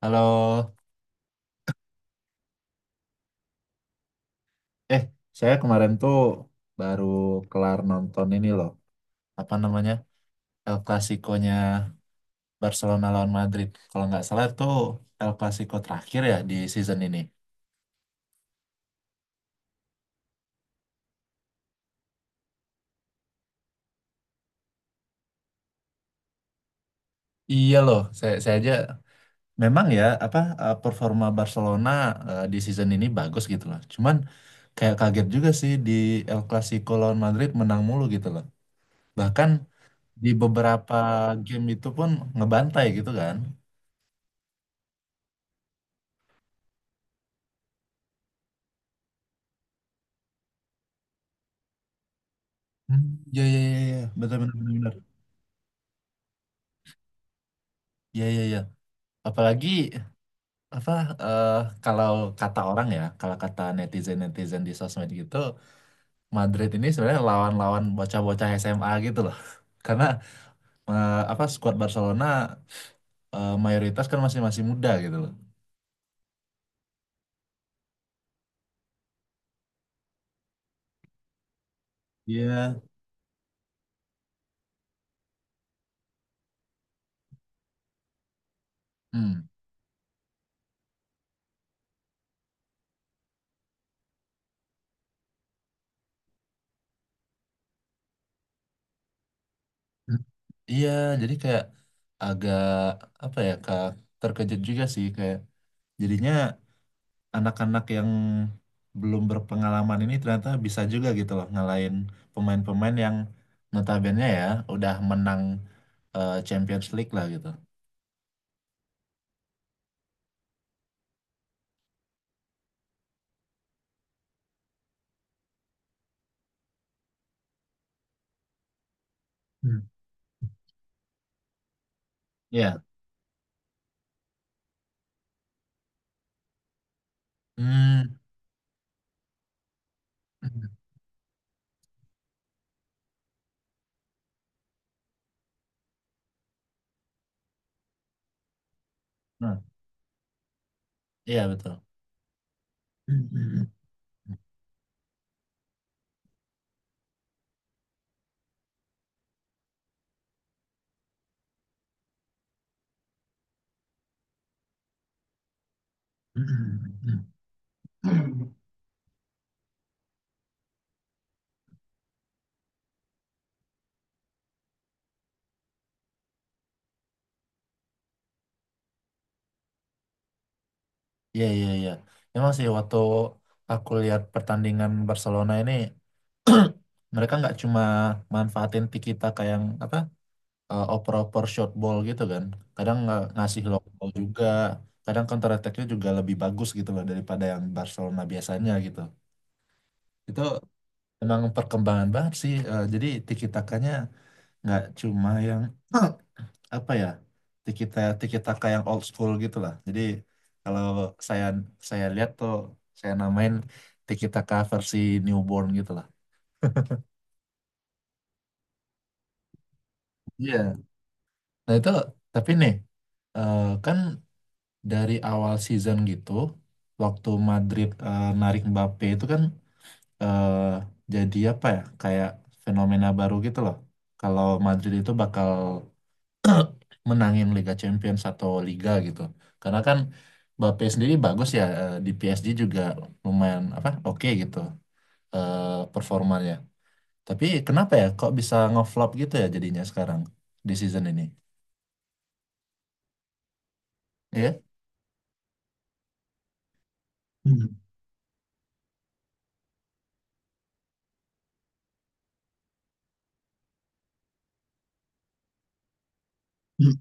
Halo, eh saya kemarin tuh baru kelar nonton ini loh, apa namanya El Clasico-nya Barcelona lawan Madrid. Kalau nggak salah tuh El Clasico terakhir ya di season ini. Iya loh, saya aja memang ya apa performa Barcelona di season ini bagus gitu loh. Cuman kayak kaget juga sih di El Clasico lawan Madrid menang mulu gitu loh. Bahkan di beberapa game itu pun ngebantai gitu kan. Hmm, iya iya iya iya. Betul benar benar. Benar. Iya iya iya. Apalagi apa eh, kalau kata orang ya, kalau kata netizen-netizen di sosmed gitu, Madrid ini sebenarnya lawan-lawan bocah-bocah SMA gitu loh. Karena apa skuad Barcelona mayoritas kan masih masih muda gitu loh. Iya, Hmm. Iya, jadi kayak agak apa ya, Kak, terkejut juga sih kayak jadinya anak-anak yang belum berpengalaman ini ternyata bisa juga gitu loh ngalahin pemain-pemain yang notabene ya udah menang Champions League lah gitu. Hmm. Iya. Hmm. Nah, iya betul. Iya, iya, iya. Emang sih waktu aku lihat pertandingan Barcelona ini mereka nggak cuma manfaatin Tiki Taka yang apa? Oper-oper short ball gitu kan. Kadang nggak ngasih long ball juga. Kadang counter attack-nya juga lebih bagus gitu loh daripada yang Barcelona biasanya gitu. Itu emang perkembangan banget sih. Jadi tiki takanya nggak cuma yang apa ya? Tiki taka yang old school gitu lah. Jadi kalau saya saya lihat tuh saya namain tiki taka versi newborn gitu lah. Iya. Nah itu tapi nih kan dari awal season gitu, waktu Madrid narik Mbappe itu kan, eh, jadi apa ya kayak fenomena baru gitu loh kalau Madrid itu bakal menangin Liga Champions atau Liga gitu. Karena kan Mbappe sendiri bagus ya di PSG juga lumayan apa oke gitu eh, performanya. Tapi kenapa ya kok bisa ngeflop gitu ya jadinya sekarang di season ini ya. Hmm. Hmm.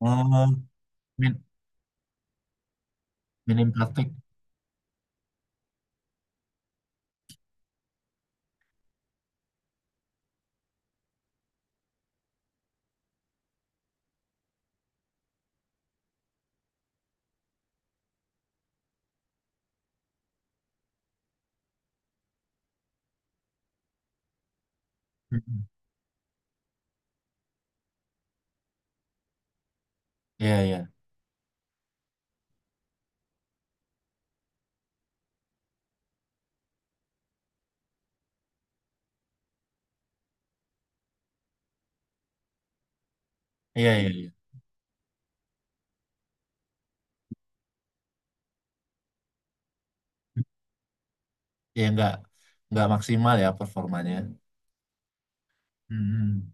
Oh, min minim praktik. Mhm. Iya, iya. Iya, iya, iya. Ya nggak maksimal ya performanya. Hmm.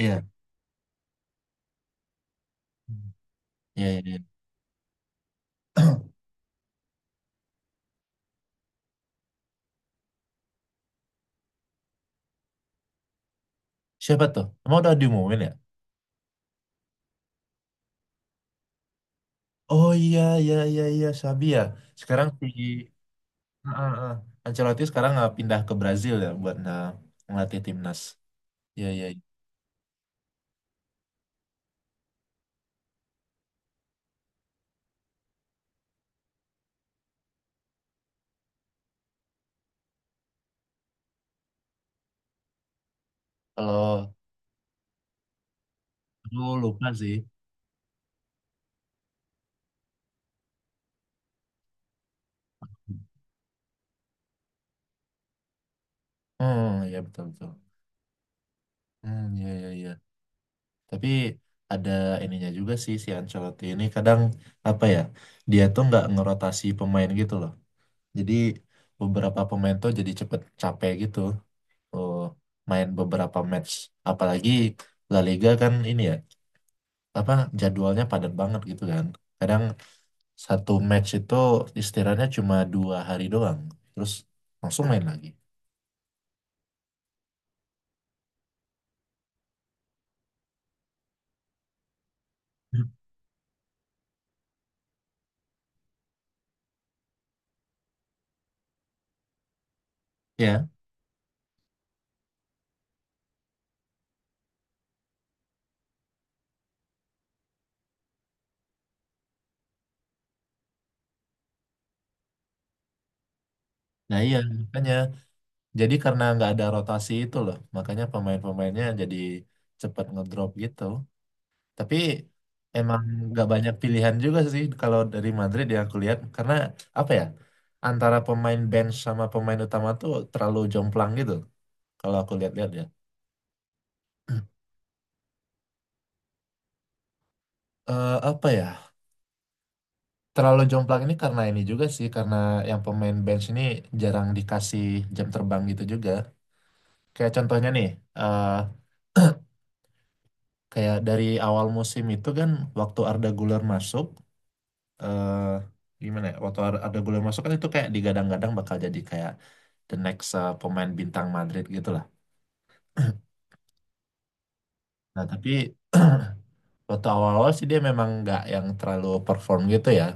Iya, iya, iya. Iya. Siapa tuh? Emang udah diumumin ya? Oh iya, iya, iya, iya, Sabi ya. Sekarang si Ah, ah, ah. Ancelotti sekarang nggak pindah ke Brazil ya buat nah, ngelatih timnas. Iya, iya. Iya. Kalau aku lupa sih. Hmm, iya betul betul. Hmm, iya, iya, iya. Tapi ada ininya juga sih si Ancelotti ini kadang apa ya? Dia tuh nggak ngerotasi pemain gitu loh. Jadi beberapa pemain tuh jadi cepet capek gitu oh, main beberapa match. Apalagi La Liga kan ini ya, apa jadwalnya padat banget gitu kan. Kadang satu match itu istirahatnya cuma 2 hari doang, terus langsung main lagi. Hmm. Ya, nah iya makanya. Jadi karena nggak ada rotasi itu loh, makanya pemain-pemainnya jadi cepet ngedrop gitu. Tapi emang nggak banyak pilihan juga sih kalau dari Madrid yang aku lihat karena apa ya antara pemain bench sama pemain utama tuh terlalu jomplang gitu kalau aku lihat-lihat ya. Apa ya terlalu jomplang ini karena ini juga sih karena yang pemain bench ini jarang dikasih jam terbang gitu juga. Kayak contohnya nih eh kayak dari awal musim itu kan waktu Arda Güler masuk eh gimana ya waktu ada gol masuk kan itu kayak digadang-gadang bakal jadi kayak the next pemain bintang Madrid gitu lah. Nah tapi waktu awal-awal sih dia memang nggak yang terlalu perform gitu ya.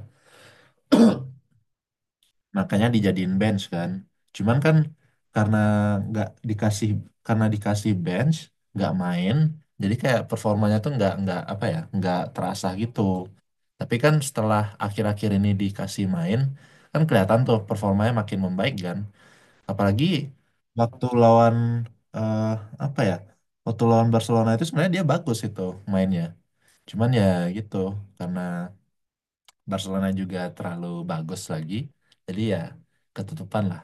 Makanya dijadiin bench kan. Cuman kan karena nggak dikasih karena dikasih bench nggak main jadi kayak performanya tuh nggak apa ya nggak terasa gitu. Tapi kan setelah akhir-akhir ini dikasih main kan kelihatan tuh performanya makin membaik kan. Apalagi waktu lawan eh apa ya? Waktu lawan Barcelona itu sebenarnya dia bagus itu mainnya. Cuman ya gitu karena Barcelona juga terlalu bagus lagi. Jadi ya ketutupan lah.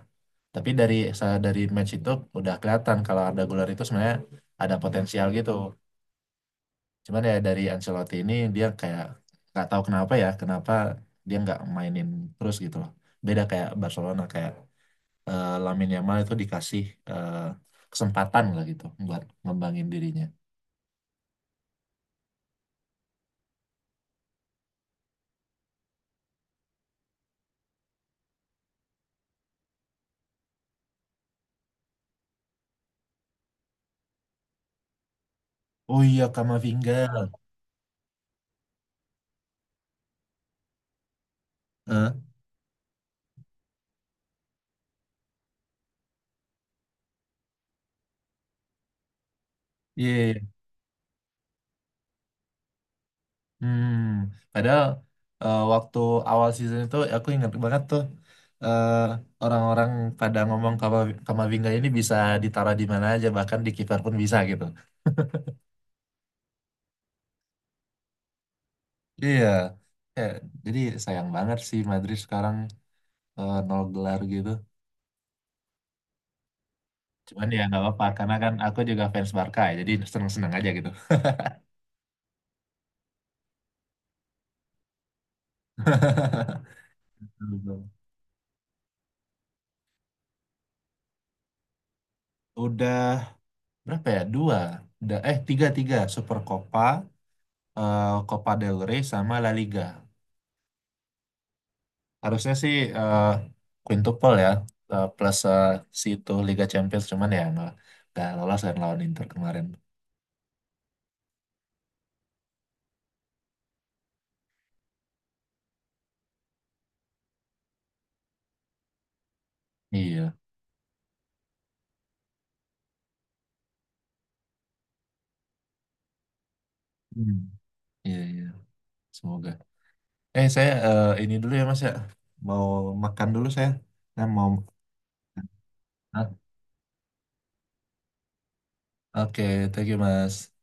Tapi dari dari match itu udah kelihatan kalau Arda Güler itu sebenarnya ada potensial gitu. Cuman ya dari Ancelotti ini dia kayak nggak tahu kenapa ya, kenapa dia nggak mainin terus gitu loh. Beda kayak Barcelona kayak Lamine Yamal itu dikasih eh, kesempatan lah gitu buat ngembangin dirinya. Oh iya Kamavinga. Eh, Iya. Iya, iya. Hmm. Padahal waktu awal season itu aku ingat banget tuh eh, orang-orang pada ngomong Kamavinga ini bisa ditaruh di mana aja bahkan di kiper pun bisa gitu. Iya. Ya, jadi sayang banget sih Madrid sekarang nol gelar gitu. Cuman ya nggak apa-apa karena kan aku juga fans Barca ya, jadi seneng-seneng aja gitu. Betul. Udah berapa ya? Dua. Udah, tiga, tiga. Super Copa, eh, Copa del Rey, sama La Liga. Harusnya sih quintuple ya, plus si itu Liga Champions. Cuman ya nggak lolos kan lawan Inter kemarin. Iya. Hmm. Iya, iya. Semoga. Saya ini dulu ya, Mas ya. Mau makan dulu saya. Saya mau... Ah, Oke, thank you, Mas.